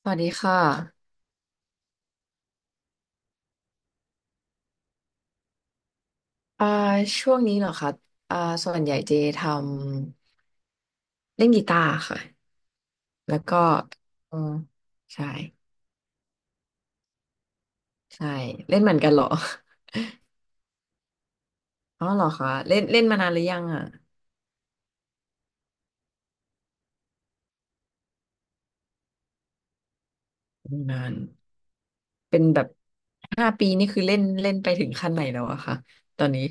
สวัสดีค่ะอ่าช่วงนี้เหรอคะอ่าส่วนใหญ่เจทำเล่นกีตาร์ค่ะแล้วก็อืมใช่ใช่เล่นเหมือนกันเหรออ๋อเหรอคะเล่นเล่นมานานหรือยังอ่ะนานเป็นแบบ5 ปีนี่คือเล่นเล่นไปถึงขั้นไหนแล้วอะคะตอนนี้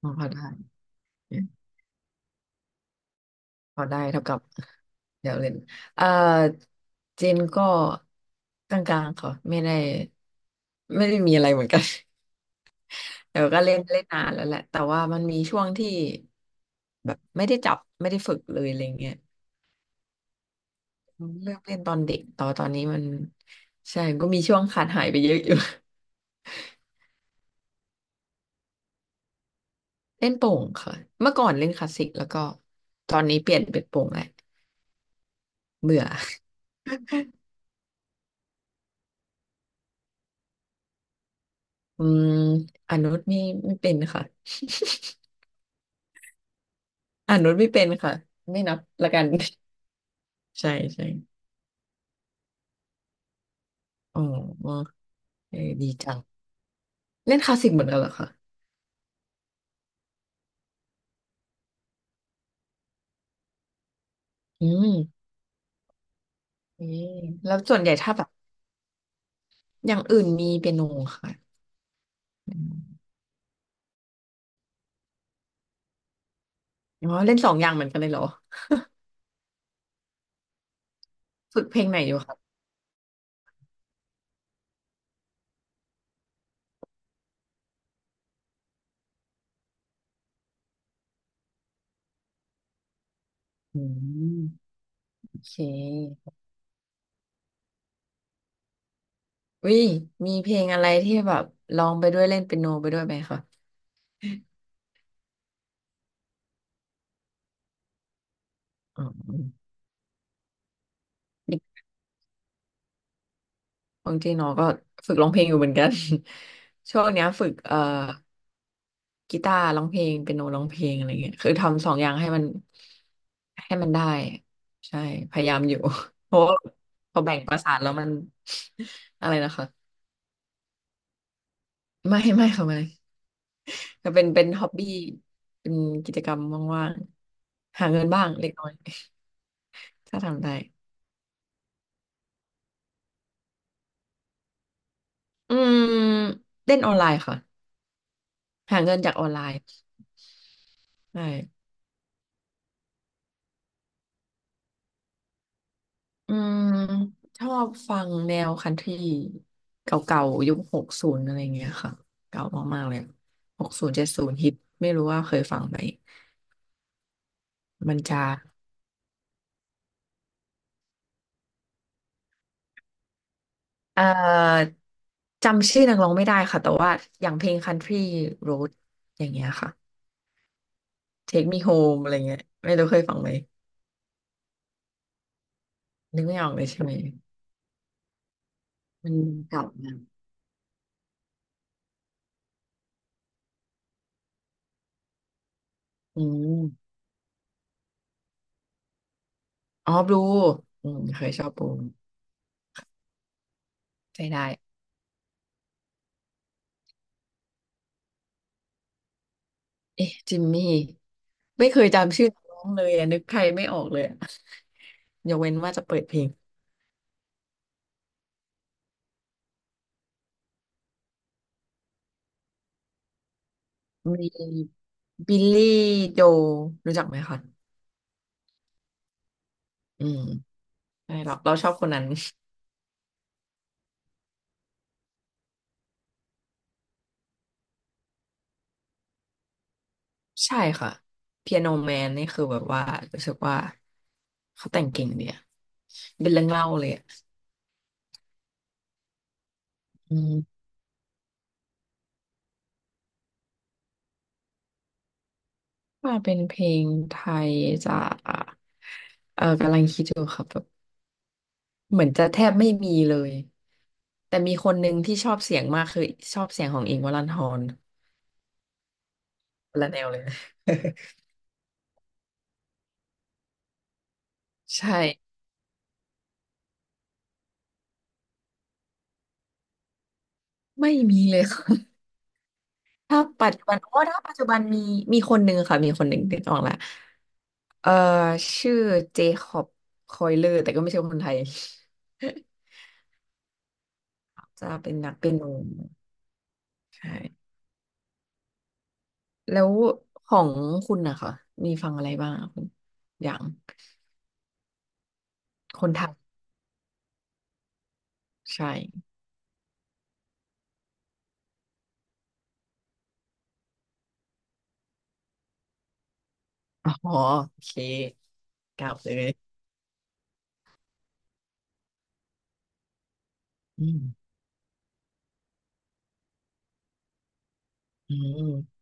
อ๋อพอได้พอได้เท่ากับเดี๋ยวเล่นเอ่อเจนก็กลางๆค่ะไม่ได้มีอะไรเหมือนกัน เดี๋ยวก็เล่นเล่นนานแล้วแหละแต่ว่ามันมีช่วงที่แบบไม่ได้จับไม่ได้ฝึกเลยอะไรเงี้ยเลือกเล่นตอนเด็กต่อตอนนี้มันใช่ก็มีช่วงขาดหายไปเยอะอยู่ เล่นโป่งค่ะเมื่อก่อนเล่นคลาสสิกแล้วก็ตอนนี้เปลี่ยนเป็นโป่งแหละเบื่อ อืมอนุนไม่เป็นค่ะอนุนไม่เป็นค่ะไม่นับละกัน ใช่ใช่อ๋อเออดีจังเล่นคลาสสิกเหมือนกันเหรอคะอืมอืมแล้วส่วนใหญ่ถ้าแบบ อย่างอื่นมีเปียโนค่ะเปีอ๋อเล่นสองอย่างเหมือนกันเลยเหรอฝึกเพลงไหนอยู่ครับอืมโอเควิมีเพลงอะไรที่แบบร้องไปด้วยเล่นเปียโนไปด้วยไหมคะอ๋อของเจริงเนอก็ฝึกร้องเพลงอยู่เหมือนกัน ช่วงเนี้ยฝึกกีตาร์ร้องเพลงเปียโนร้องเพลงอะไรเงี้ยคือทำสองอย่างให้มันให้มันได้ใช่พยายามอยู่ เพราะว่าพอแบ่งประสานแล้วมัน อะไรนะคะไม่ไม่ค่ะไม่ ก็เป็นฮ็อบบี้เป็นกิจกรรมว่างๆหาเงินบ้างเล็กน้อย ถ้าทำได้อืมเล่นออนไลน์ค่ะหาเงินจากออนไลน์ใช่อืมชอบฟังแนวคันทรีเก่าๆยุคหกศูนย์อะไรเงี้ยค่ะเก่ามากๆเลย60 70ฮิตไม่รู้ว่าเคยฟังไหมมันจะเอ่อจำชื่อนักร้องไม่ได้ค่ะแต่ว่าอย่างเพลง Country Road อย่างเงี้ยค่ะ Take Me Home อะไรเงี้ยไม่รู้เคยฟังไหม นึกไม่ออกเลยใช่ไหมมันเก่ามากอืมอ๋อบลูอืมเคยชอบบลูใช่ได้เอ๊ะจิมมี่ไม่เคยจำชื่อน้องเลยอะนึกใครไม่ออกเลยอะ ยกเว้นว่าจะเปิดเพลงมีบิลลี่โจรู้จักไหมคะอืมใช่เราชอบคนนั้นใช่ค่ะเปียโนแมนนี่คือแบบว่ารู้สึกว่าเขาแต่งเก่งดีอะเป็นเรื่องเล่าเลยอะอืม ว่าเป็นเพลงไทยจะเออกำลังคิดอยู่ครับแบบเหมือนจะแทบไม่มีเลยแต่มีคนหนึ่งที่ชอบเสียงมากคือชอบเสียงของอิงค์วรันธรคนละแนวเลยนะ ใช่ไม่มีเลย ค่ะถ้าปัจจุบันโอ้ถ้าปัจจุบันมีคนหนึ่งค่ะมีคนหนึ่งนึกออกละเออชื่อเจคอบคอยเลอร์แต่ก็ไม่ใช่คนไทย จะเป็นนักเปียโนใช่แล้วของคุณนะคะมีฟังอะไรบ้างอะคุณอย่าง คนไทยใช่อ๋อโอเคกล่าวเลยอืมอืม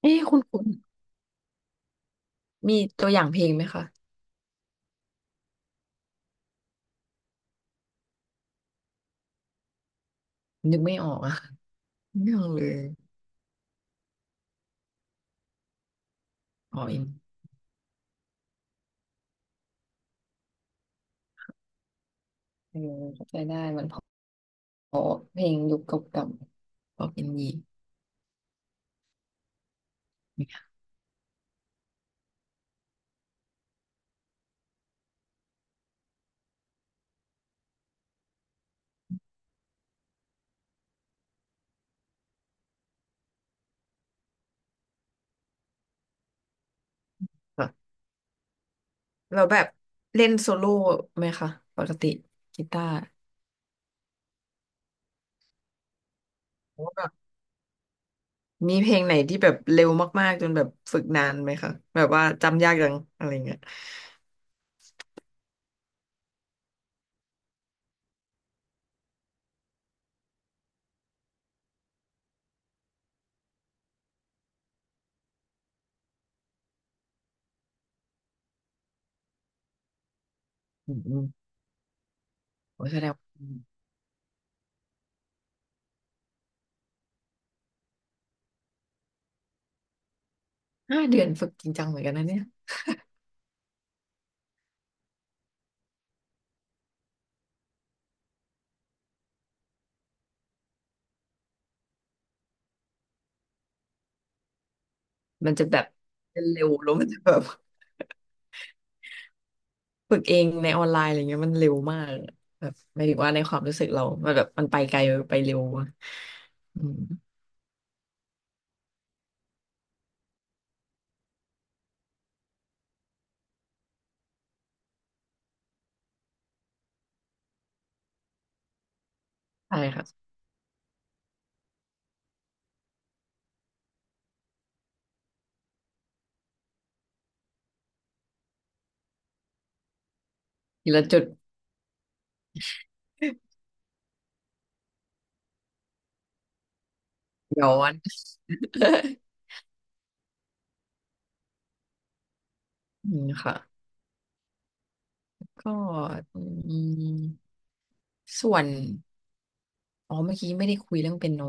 เอ๊ะคุณมีตัวอย่างเพลงไหมคะนึกไม่ออกอะไม่ออกเลยอ๋ออินเออเข้าใจได้มันอเพลงยุคเก่าๆพอเป็นยีค่ะเราแบบเล่นโซโล่ไหมคะปกติกีตาร์ว่าแบบมีเพลงไหนที่แบบเร็วมากๆจนแบบฝึกนานไหมคะแบบว่าจำยากจังอะไรเงี้ยอืมอืมโอ้ยแสดง 5 เดือนฝึกจริงจังเหมือนกันนะเนี่ยมันจะแบบเร็วแล้วมันจะแบบฝึกเองในออนไลน์อะไรเงี้ยมันเร็วมากอะแบบหมายถึงว่าในความรู้สึกเรา มันแบบมันไปไกลไปเร็วอะอืมใช่ค่ะทีละจุดย้อนอืมค่ะ ก็อืมส่วนอ๋อเมื่อกี้ไม่ได้คุยเรื่องเปียโน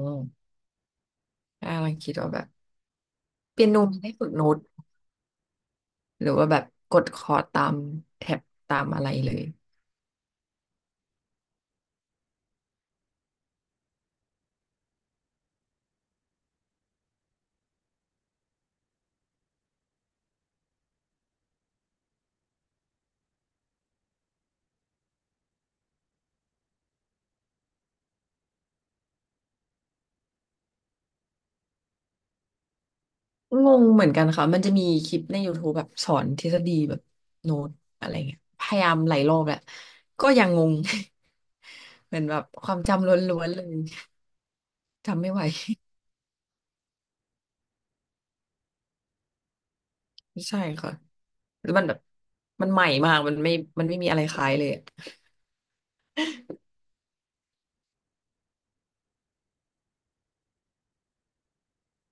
อ่ากำลังคิดว่าแบบเปียโนมันได้ฝึกโน้ตหรือว่าแบบกดคอร์ดตามแท็บตามอะไรเลย งงเหมือนกันค่ะ มันจะมีคลิปใน YouTube แบบสอนทฤษฎีแบบโน้ตอะไรเงี้ยพยายามหลายรอบแหละก็ยังงง เหมือนแบบความจำล้วนๆเลย จำไม่ไหว ใช่ค่ะแล้วมันแบบมันใหม่มาก มันไม่มันไม่มีอะไรคล้ายเลยอะ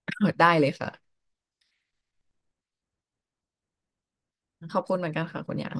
ได้เลยค่ะ ขอบคุณเหมือนกันค่ะคุณหยาง